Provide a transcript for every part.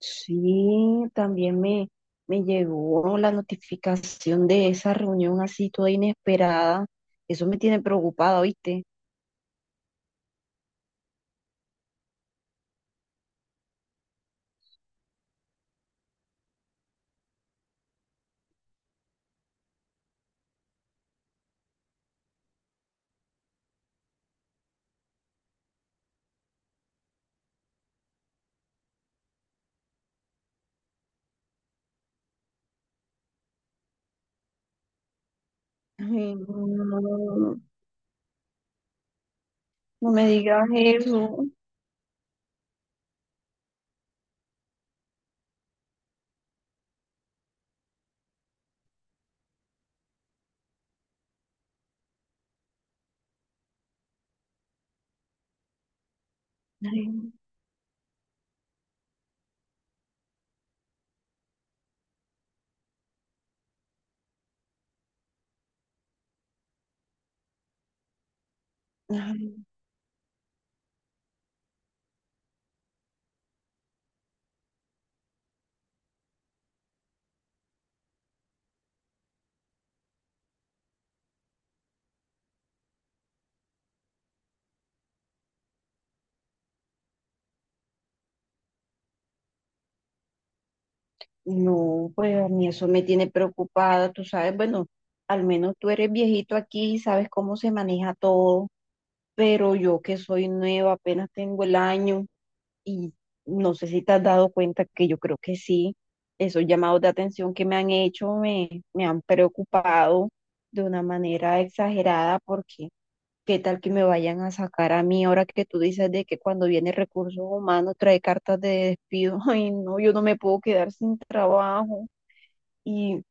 Sí, también me llegó la notificación de esa reunión así toda inesperada. Eso me tiene preocupada, ¿oíste? Ay, no, no me digas eso. Ay, ay, no, pues a mí eso me tiene preocupada, tú sabes, bueno, al menos tú eres viejito aquí y sabes cómo se maneja todo, pero yo que soy nueva, apenas tengo el año. Y no sé si te has dado cuenta que yo creo que sí, esos llamados de atención que me han hecho me han preocupado de una manera exagerada porque qué tal que me vayan a sacar a mí ahora que tú dices de que cuando viene recursos humanos trae cartas de despido. Ay, no, yo no me puedo quedar sin trabajo. Y,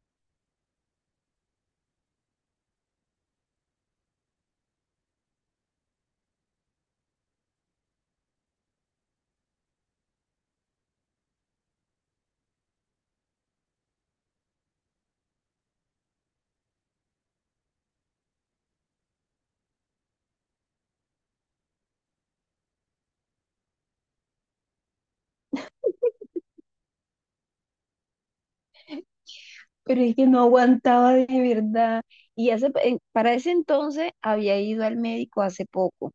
pero es que no aguantaba de verdad. Y para ese entonces había ido al médico hace poco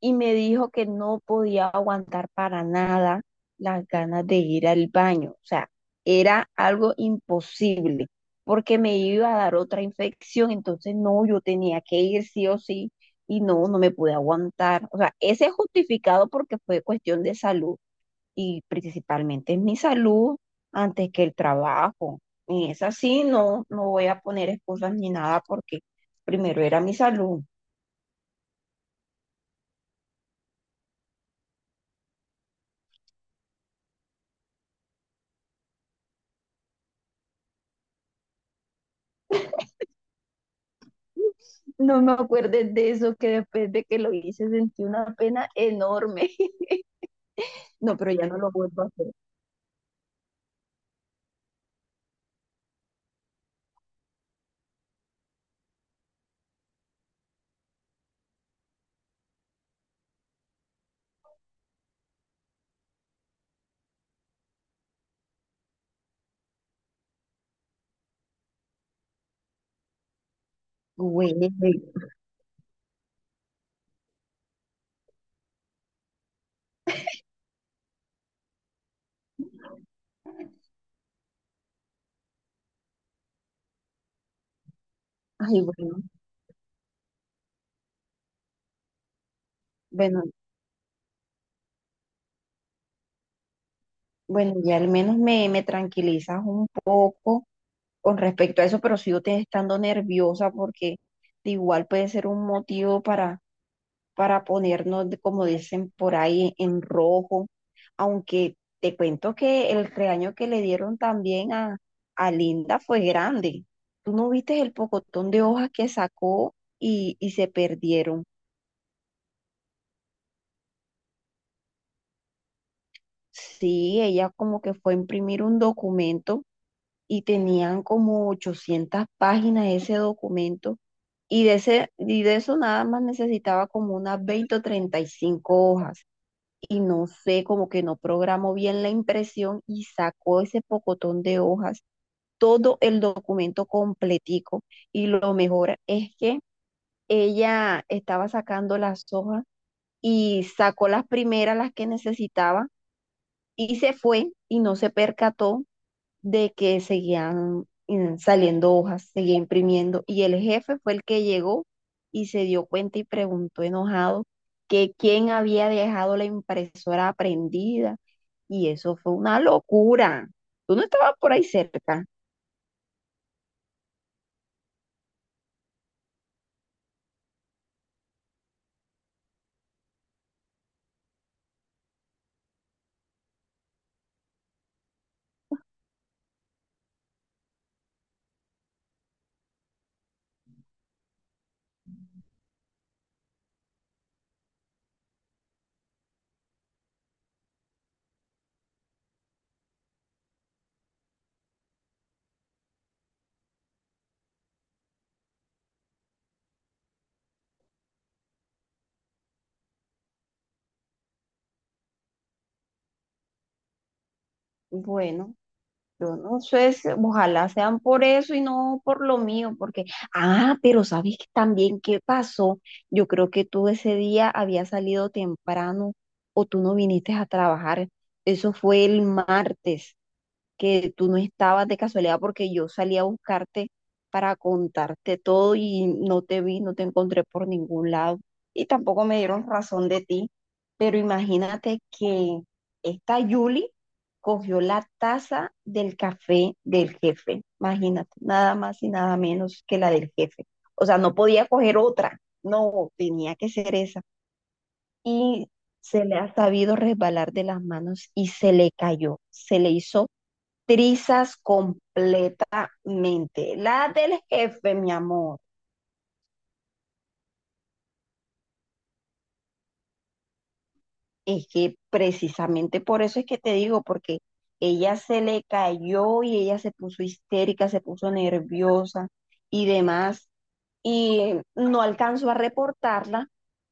y me dijo que no podía aguantar para nada las ganas de ir al baño. O sea, era algo imposible porque me iba a dar otra infección, entonces no, yo tenía que ir sí o sí y no, no me pude aguantar. O sea, ese es justificado porque fue cuestión de salud y principalmente es mi salud antes que el trabajo. Y es así, no, no voy a poner excusas ni nada porque primero era mi salud. No me acuerdes de eso, que después de que lo hice sentí una pena enorme. No, pero ya no lo vuelvo a hacer. Güey, güey. Ay, bueno, bueno, ya al menos me tranquilizas un poco con respecto a eso, pero sigo te estando nerviosa porque de igual puede ser un motivo para ponernos, de- como dicen por ahí, en rojo. Aunque te cuento que el regaño que le dieron también a Linda fue grande. ¿Tú no viste el pocotón de hojas que sacó y se perdieron? Sí, ella como que fue a imprimir un documento y tenían como 800 páginas ese documento. Y de eso nada más necesitaba como unas 20 o 35 hojas. Y no sé, como que no programó bien la impresión y sacó ese pocotón de hojas, todo el documento completico. Y lo mejor es que ella estaba sacando las hojas y sacó las primeras, las que necesitaba, y se fue y no se percató de que seguían saliendo hojas, seguía imprimiendo. Y el jefe fue el que llegó y se dio cuenta y preguntó enojado que quién había dejado la impresora prendida. Y eso fue una locura. Tú no estabas por ahí cerca. Bueno. Yo no sé, si- ojalá sean por eso y no por lo mío, porque, ah, pero ¿sabes qué también qué pasó? Yo creo que tú ese día habías salido temprano o tú no viniste a trabajar. Eso fue el martes que tú no estabas de casualidad porque yo salí a buscarte para contarte todo y no te vi, no te encontré por ningún lado y tampoco me dieron razón de ti. Pero imagínate que esta Yuli cogió la taza del café del jefe. Imagínate, nada más y nada menos que la del jefe. O sea, no podía coger otra, no, tenía que ser esa. Y se le ha sabido resbalar de las manos y se le cayó, se le hizo trizas completamente. La del jefe, mi amor. Es que precisamente por eso es que te digo, porque ella se le cayó y ella se puso histérica, se puso nerviosa y demás. Y no alcanzó a reportarla,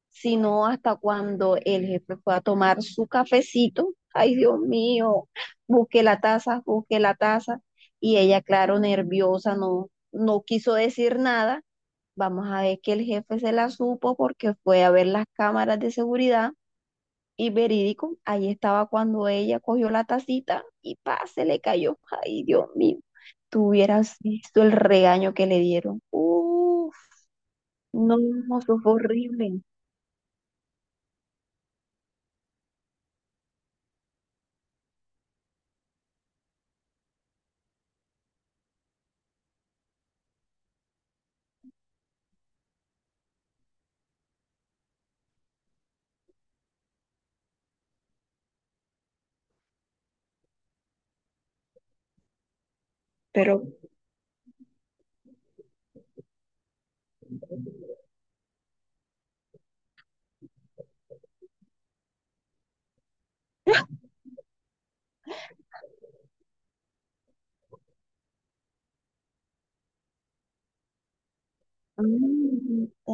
sino hasta cuando el jefe fue a tomar su cafecito. Ay, Dios mío, busqué la taza, busqué la taza. Y ella, claro, nerviosa, no, no quiso decir nada. Vamos a ver que el jefe se la supo porque fue a ver las cámaras de seguridad y verídico, ahí estaba cuando ella cogió la tacita y pa, se le cayó. Ay, Dios mío, tú hubieras visto el regaño que le dieron. Uf, no, eso fue horrible. Pero, amiguita,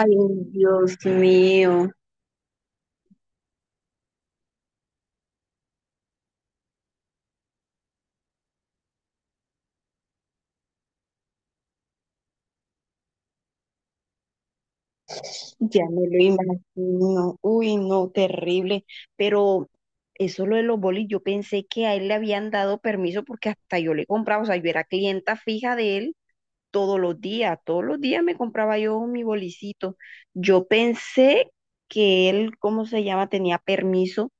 ay, Dios mío. Ya me lo imagino. Uy, no, terrible. Pero eso lo de los bolis, yo pensé que a él le habían dado permiso porque hasta yo le compraba, o sea, yo era clienta fija de él todos los días me compraba yo mi bolicito. Yo pensé que él, ¿cómo se llama? Tenía permiso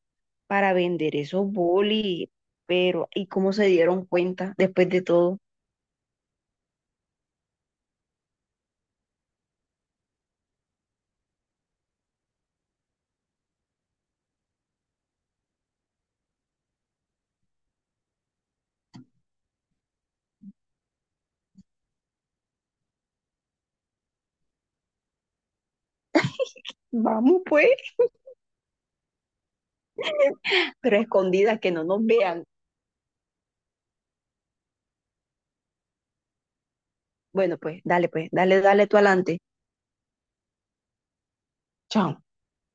para vender esos bolis, pero ¿y cómo se dieron cuenta después de todo? Vamos pues, pero escondidas que no nos vean. Bueno, pues, dale, dale tú adelante. Chao.